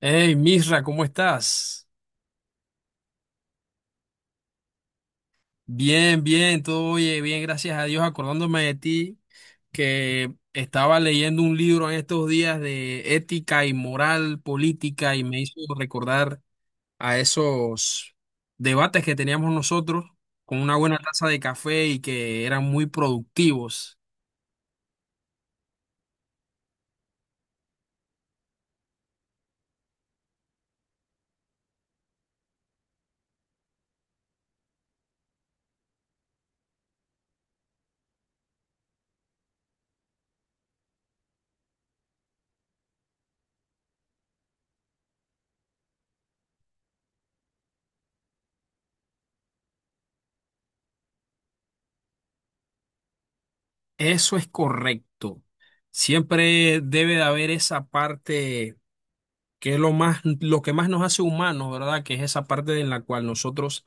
Hey, Misra, ¿cómo estás? Bien, bien, todo, oye, bien, gracias a Dios, acordándome de ti, que estaba leyendo un libro en estos días de ética y moral política y me hizo recordar a esos debates que teníamos nosotros con una buena taza de café y que eran muy productivos. Eso es correcto. Siempre debe de haber esa parte que es lo más, lo que más nos hace humanos, ¿verdad? Que es esa parte en la cual nosotros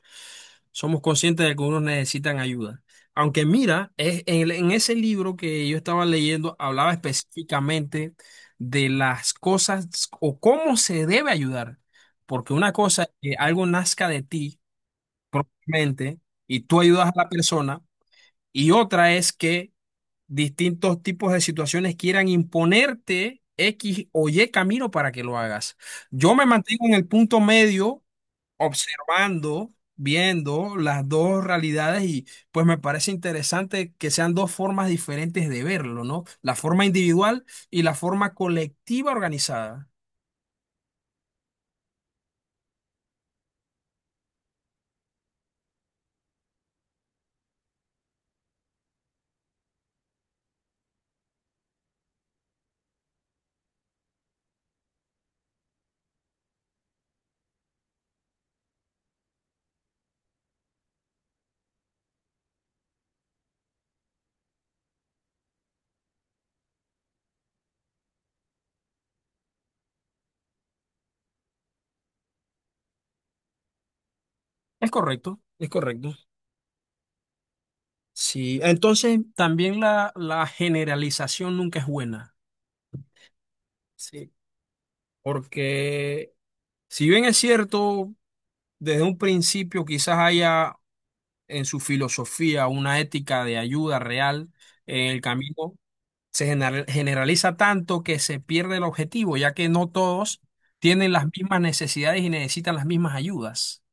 somos conscientes de que unos necesitan ayuda. Aunque mira, es, en, en ese libro que yo estaba leyendo hablaba específicamente de las cosas o cómo se debe ayudar. Porque una cosa es que algo nazca de ti, mente, y tú ayudas a la persona, y otra es que distintos tipos de situaciones quieran imponerte X o Y camino para que lo hagas. Yo me mantengo en el punto medio, observando, viendo las dos realidades y pues me parece interesante que sean dos formas diferentes de verlo, ¿no? La forma individual y la forma colectiva organizada. Es correcto, es correcto. Sí, entonces también la generalización nunca es buena. Sí. Porque si bien es cierto, desde un principio quizás haya en su filosofía una ética de ayuda real en el camino, se generaliza tanto que se pierde el objetivo, ya que no todos tienen las mismas necesidades y necesitan las mismas ayudas.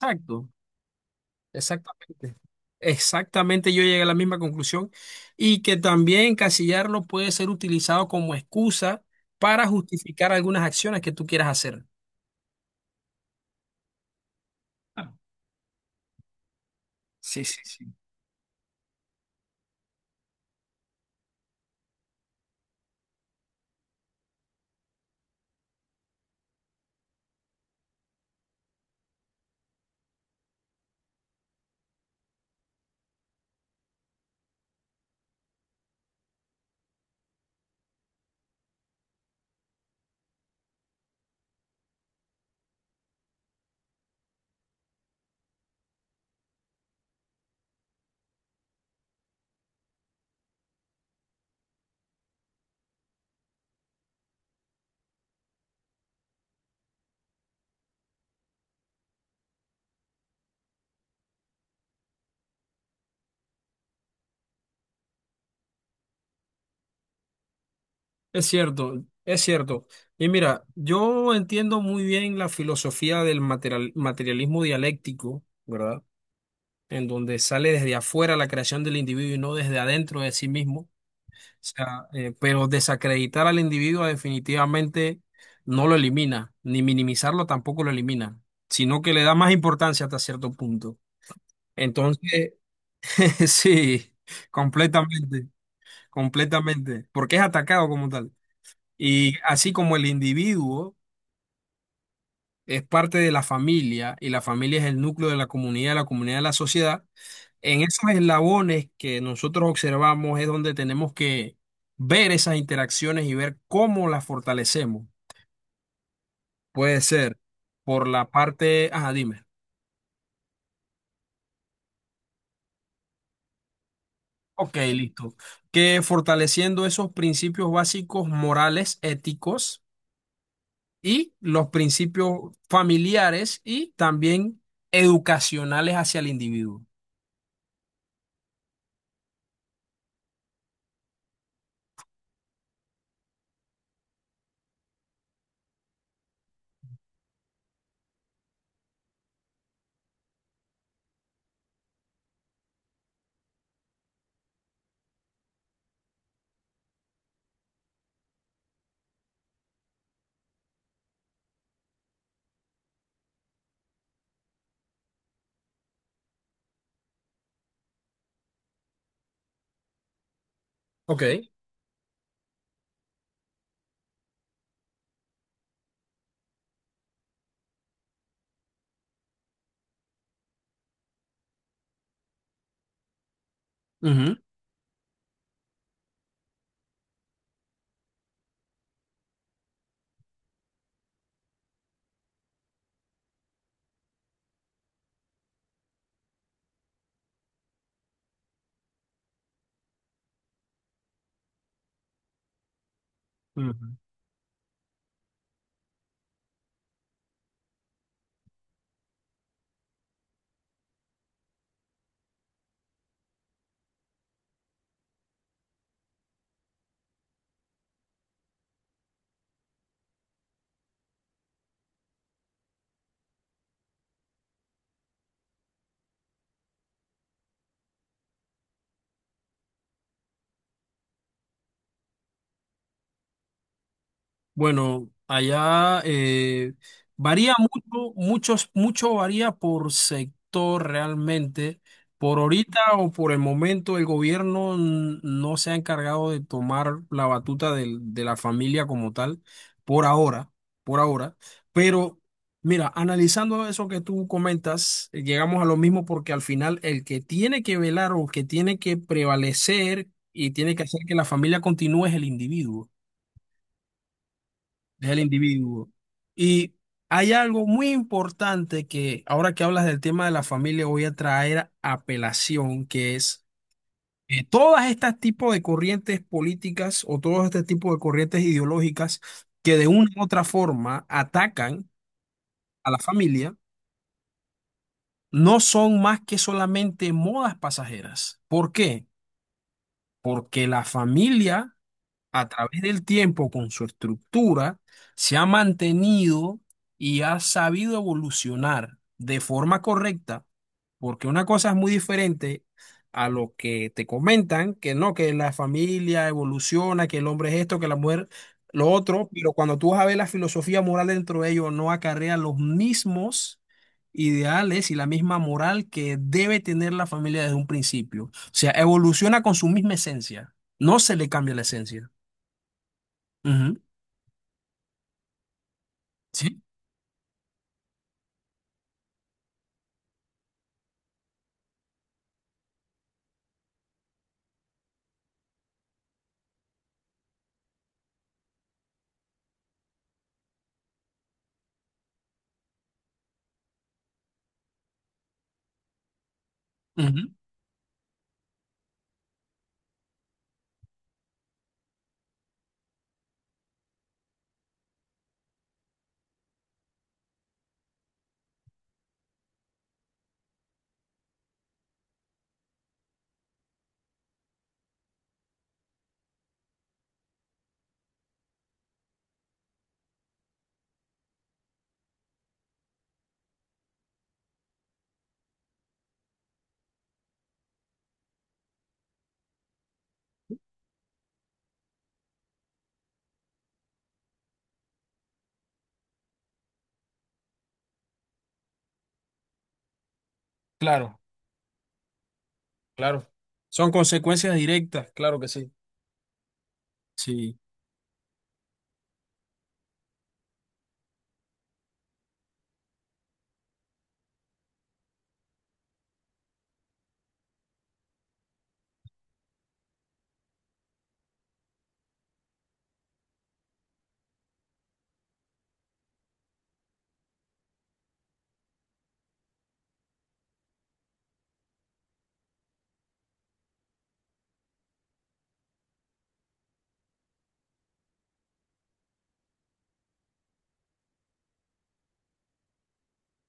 Exacto, exactamente. Exactamente, yo llegué a la misma conclusión y que también encasillarlo puede ser utilizado como excusa para justificar algunas acciones que tú quieras hacer. Ah, sí, sí, sí. Es cierto, es cierto. Y mira, yo entiendo muy bien la filosofía del materialismo dialéctico, ¿verdad? En donde sale desde afuera la creación del individuo y no desde adentro de sí mismo. O sea, pero desacreditar al individuo definitivamente no lo elimina, ni minimizarlo tampoco lo elimina, sino que le da más importancia hasta cierto punto. Entonces, sí, completamente, completamente, porque es atacado como tal. Y así como el individuo es parte de la familia y la familia es el núcleo de la comunidad de la sociedad. En esos eslabones que nosotros observamos es donde tenemos que ver esas interacciones y ver cómo las fortalecemos. Puede ser por la parte, ajá, dime. Ok, listo. Que fortaleciendo esos principios básicos morales, éticos y los principios familiares y también educacionales hacia el individuo. Ok. Ujú. Ujú. Bueno, allá varía mucho, muchos, mucho varía por sector realmente. Por ahorita o por el momento, el gobierno no se ha encargado de tomar la batuta de la familia como tal, por ahora, por ahora. Pero mira, analizando eso que tú comentas, llegamos a lo mismo porque al final el que tiene que velar o que tiene que prevalecer y tiene que hacer que la familia continúe es el individuo del individuo. Y hay algo muy importante que ahora que hablas del tema de la familia voy a traer a pelación, que es todas estas tipos de corrientes políticas o todos este tipo de corrientes ideológicas que de una u otra forma atacan a la familia, no son más que solamente modas pasajeras. ¿Por qué? Porque la familia a través del tiempo con su estructura, se ha mantenido y ha sabido evolucionar de forma correcta, porque una cosa es muy diferente a lo que te comentan, que no, que la familia evoluciona, que el hombre es esto, que la mujer lo otro, pero cuando tú vas a ver la filosofía moral dentro de ellos, no acarrea los mismos ideales y la misma moral que debe tener la familia desde un principio. O sea, evoluciona con su misma esencia, no se le cambia la esencia. Ujú. Sí, ujú. Claro, claro. Son consecuencias directas, claro que sí. Sí,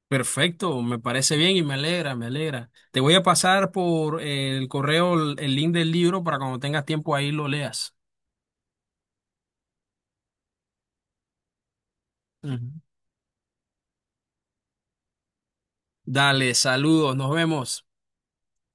perfecto, me parece bien y me alegra, me alegra. Te voy a pasar por el correo el link del libro para cuando tengas tiempo ahí lo leas. Ujú. Dale, saludos, nos vemos.